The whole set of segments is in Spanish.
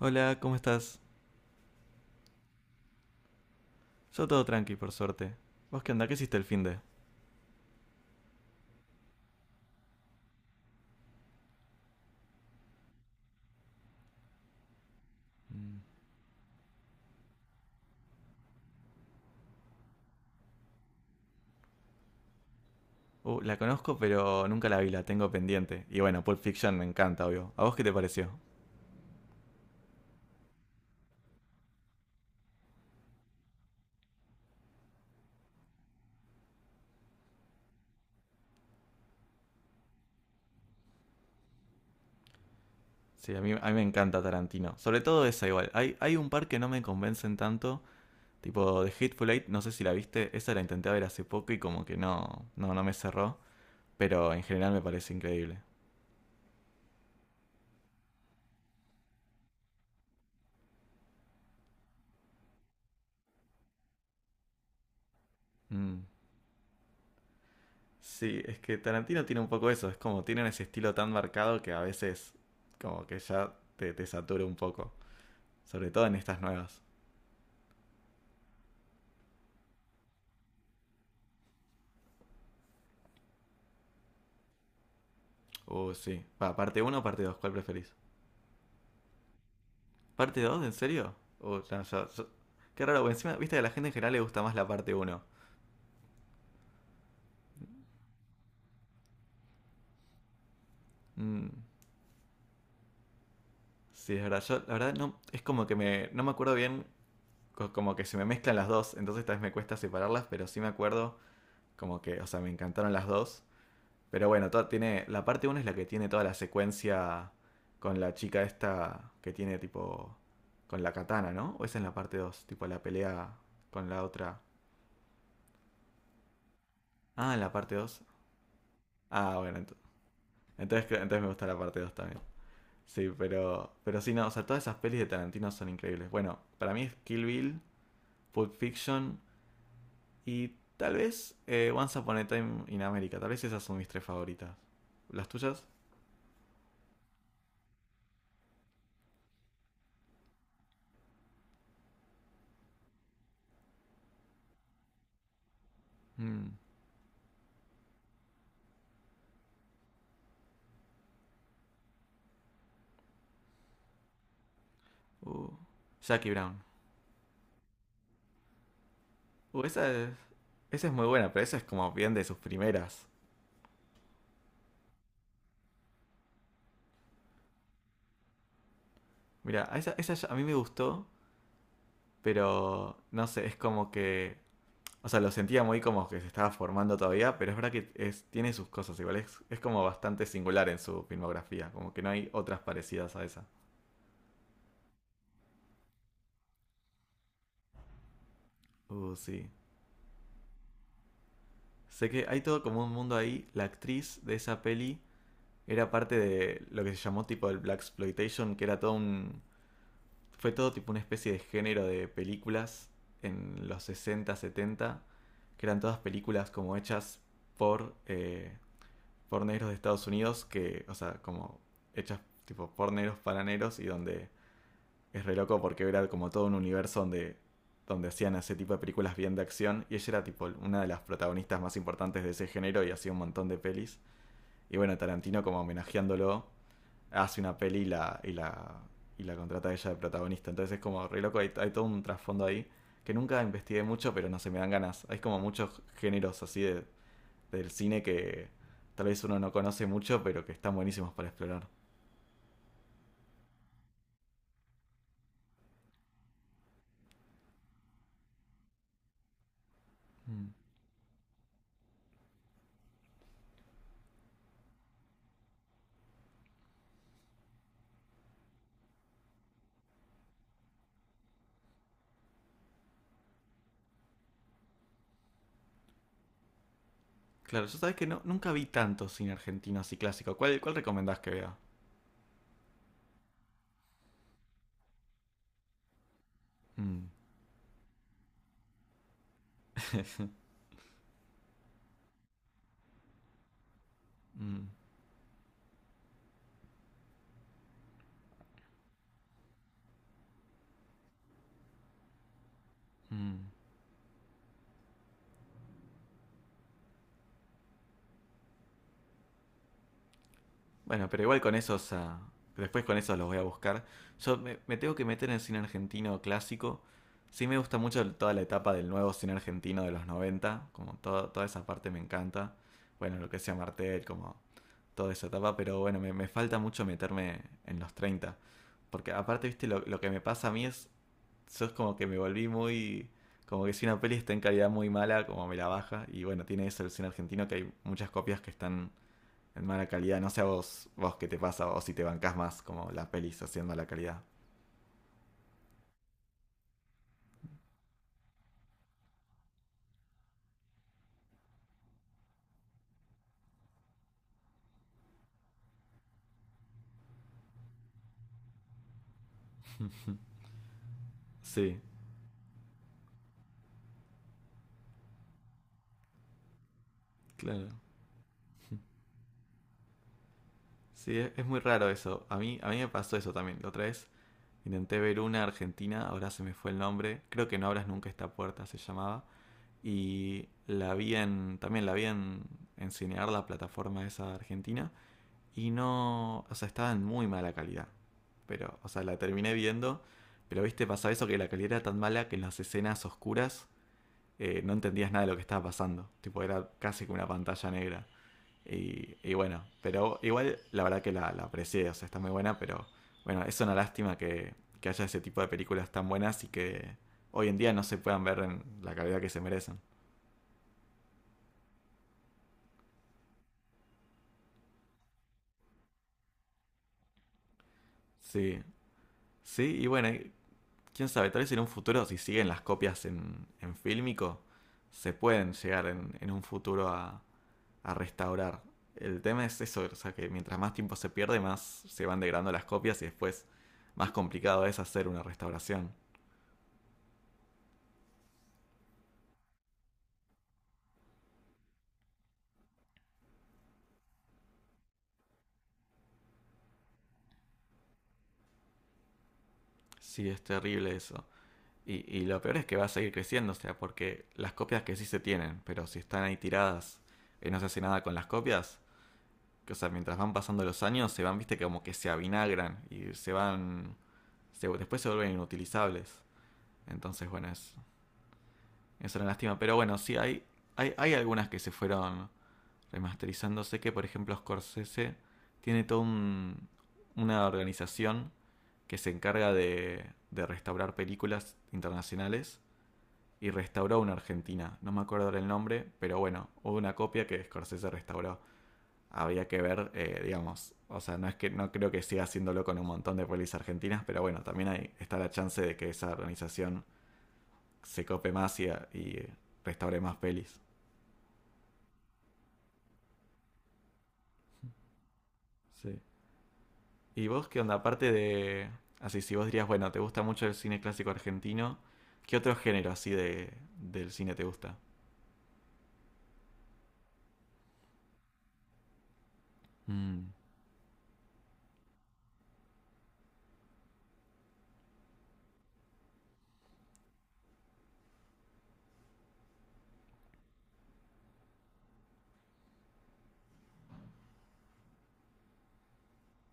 Hola, ¿cómo estás? Yo todo tranqui, por suerte. ¿Vos qué onda? ¿Qué hiciste el finde? La conozco, pero nunca la vi, la tengo pendiente. Y bueno, Pulp Fiction me encanta, obvio. ¿A vos qué te pareció? Sí, a mí me encanta Tarantino. Sobre todo esa igual. Hay un par que no me convencen tanto. Tipo, The Hateful Eight, no sé si la viste. Esa la intenté ver hace poco y como que no me cerró. Pero en general me parece increíble. Mm. Sí, es que Tarantino tiene un poco eso. Es como, tienen ese estilo tan marcado que a veces como que ya te satura un poco. Sobre todo en estas nuevas. Sí. Va, ¿parte uno o parte dos, cuál preferís? ¿Parte dos? ¿En serio? Ya, ya, ya. Qué raro, porque encima, viste, que a la gente en general le gusta más la parte uno. Mm, sí, es verdad. Yo, la verdad, no, es como que no me acuerdo bien. Como que se me mezclan las dos, entonces tal vez me cuesta separarlas, pero sí me acuerdo, como que, o sea, me encantaron las dos. Pero bueno, todo tiene, la parte uno es la que tiene toda la secuencia con la chica esta que tiene tipo, con la katana, ¿no? ¿O esa es en la parte dos, tipo la pelea con la otra? Ah, en la parte 2. Ah, bueno, entonces, entonces me gusta la parte 2 también. Sí, pero sí, no, o sea, todas esas pelis de Tarantino son increíbles. Bueno, para mí es Kill Bill, Pulp Fiction y tal vez Once Upon a Time in America. Tal vez esas son mis tres favoritas. ¿Las tuyas? Mm, uh, Jackie Brown. Uh, esa es, esa es muy buena, pero esa es como bien de sus primeras. Mira, a esa, esa ya- a mí me gustó, pero no sé, es como que. O sea, lo sentía muy como que se estaba formando todavía, pero es verdad que es, tiene sus cosas igual. Es como bastante singular en su filmografía, como que no hay otras parecidas a esa. Sí. Sé que hay todo como un mundo ahí. La actriz de esa peli era parte de lo que se llamó tipo el Black Exploitation, que era todo un. Fue todo tipo una especie de género de películas en los 60, 70, que eran todas películas como hechas por eh, por negros de Estados Unidos que, o sea, como hechas tipo por negros para negros, y donde es re loco porque era como todo un universo donde hacían ese tipo de películas bien de acción, y ella era tipo una de las protagonistas más importantes de ese género y hacía un montón de pelis. Y bueno, Tarantino como homenajeándolo hace una peli y la, y la, y la contrata a ella de protagonista. Entonces es como re loco, hay todo un trasfondo ahí que nunca investigué mucho, pero no, se me dan ganas. Hay como muchos géneros así de del cine que tal vez uno no conoce mucho, pero que están buenísimos para explorar. Mm. Claro, yo sabes que no, nunca vi tanto cine argentino así clásico. ¿Cuál recomendás que vea? Mm, mm, mm. Bueno, pero igual con esos. Ah, después con esos los voy a buscar. Yo me tengo que meter en el cine argentino clásico. Sí, me gusta mucho toda la etapa del nuevo cine argentino de los noventa. Como toda esa parte me encanta. Bueno, lo que sea Martel, como toda esa etapa, pero bueno, me falta mucho meterme en los treinta. Porque aparte, viste, lo que me pasa a mí es, yo es como que me volví muy. Como que si una peli está en calidad muy mala, como me la baja. Y bueno, tiene eso el cine argentino, que hay muchas copias que están en mala calidad. No sé a vos, vos qué te pasa, o si te bancás más como las pelis haciendo mala calidad. Sí, claro. Sí, es muy raro eso. A mí me pasó eso también. La otra vez intenté ver una argentina, ahora se me fue el nombre. Creo que No abras nunca esta puerta se llamaba. Y también la vi en Cinear, la plataforma esa argentina. Y no, o sea, estaba en muy mala calidad. Pero, o sea, la terminé viendo. Pero, viste, pasaba eso, que la calidad era tan mala que en las escenas oscuras no entendías nada de lo que estaba pasando. Tipo, era casi como una pantalla negra. Y bueno, pero igual la verdad que la aprecié, o sea, está muy buena, pero bueno, es una lástima que haya ese tipo de películas tan buenas y que hoy en día no se puedan ver en la calidad que se merecen. Sí, sí, y bueno, quién sabe, tal vez en un futuro, si siguen las copias en fílmico, se pueden llegar en un futuro a restaurar. El tema es eso, o sea, que mientras más tiempo se pierde, más se van degradando las copias, y después más complicado es hacer una restauración. Sí, es terrible eso. Y lo peor es que va a seguir creciendo, o sea, porque las copias que sí se tienen, pero si están ahí tiradas y no se hace nada con las copias, que, o sea, mientras van pasando los años, se van, viste, como que se avinagran y se van, después se vuelven inutilizables. Entonces, bueno, es una lástima. Pero bueno, sí, hay algunas que se fueron remasterizando. Sé que, por ejemplo, Scorsese tiene una organización que se encarga de restaurar películas internacionales, y restauró una argentina. No me acuerdo el nombre, pero bueno, hubo una copia que Scorsese restauró. Habría que ver, digamos, o sea, no es que no creo que siga haciéndolo con un montón de pelis argentinas, pero bueno, también hay, está la chance de que esa organización se cope más y restaure más pelis. Sí. ¿Y vos qué onda? Aparte de. Así, si vos dirías, bueno, te gusta mucho el cine clásico argentino, ¿qué otro género así del cine te gusta? Mm,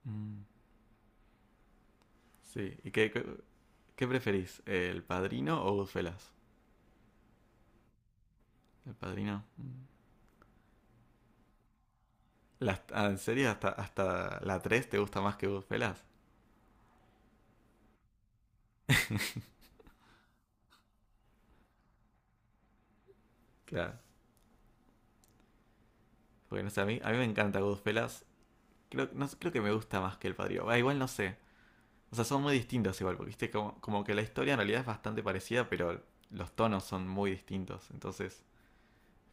mm. Sí, ¿y qué preferís? ¿El Padrino o Goodfellas? El Padrino. Mm. ¿En serio? ¿Hasta la tres te gusta más que Goodfellas? Claro. Porque no sé, a mí me encanta Goodfellas. Creo, no, creo que me gusta más que El Padrino. Ah, igual no sé. O sea, son muy distintos igual, porque viste como que la historia en realidad es bastante parecida, pero los tonos son muy distintos. Entonces,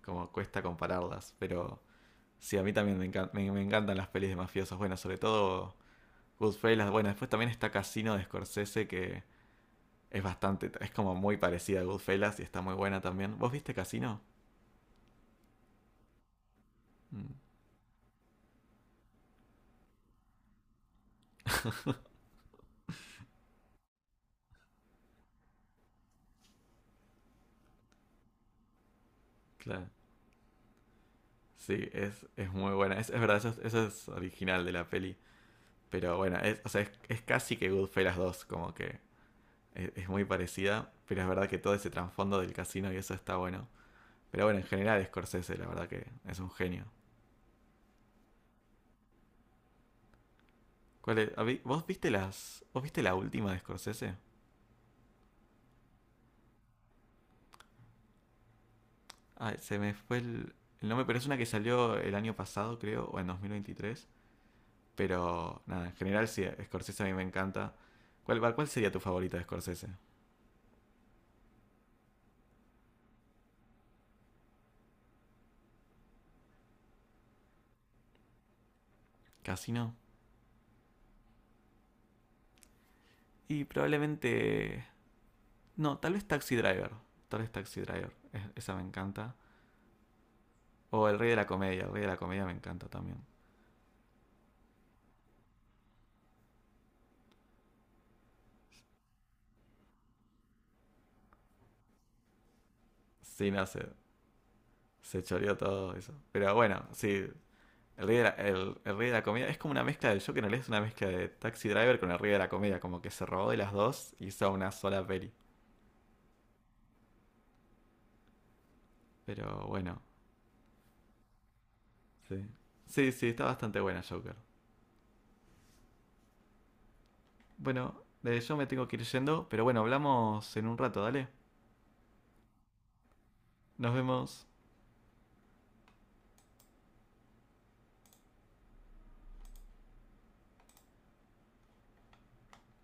como cuesta compararlas. Pero sí, a mí también me encantan las pelis de mafiosos. Bueno, sobre todo Goodfellas. Bueno, después también está Casino de Scorsese, que es como muy parecida a Goodfellas y está muy buena también. ¿Vos viste Casino? Mm, claro. Sí, es muy buena. Es verdad, eso, eso es original de la peli. Pero bueno, o sea, es casi que Goodfellas dos, como que es muy parecida, pero es verdad que todo ese trasfondo del casino y eso está bueno. Pero bueno, en general Scorsese, la verdad que es un genio. ¿Cuál es? ¿Vos viste las? ¿Vos viste la última de Scorsese? Ah, se me fue el nombre, pero es una que salió el año pasado, creo, o en 2023. Pero nada, en general sí, Scorsese a mí me encanta. ¿Cuál sería tu favorita de Scorsese? ¿Casino? Y probablemente. No, Tal vez Taxi Driver. Esa me encanta. O El Rey de la Comedia. El Rey de la Comedia me encanta también. Sí, no, se choreó todo eso. Pero bueno, sí, el rey de la comedia es como una mezcla del Joker, en realidad es una mezcla de Taxi Driver con el rey de la comedia, como que se robó de las dos y hizo una sola peli. Pero bueno, sí. Sí, sí, está bastante buena Joker. Bueno, yo me tengo que ir yendo, pero bueno, hablamos en un rato, dale. Nos vemos.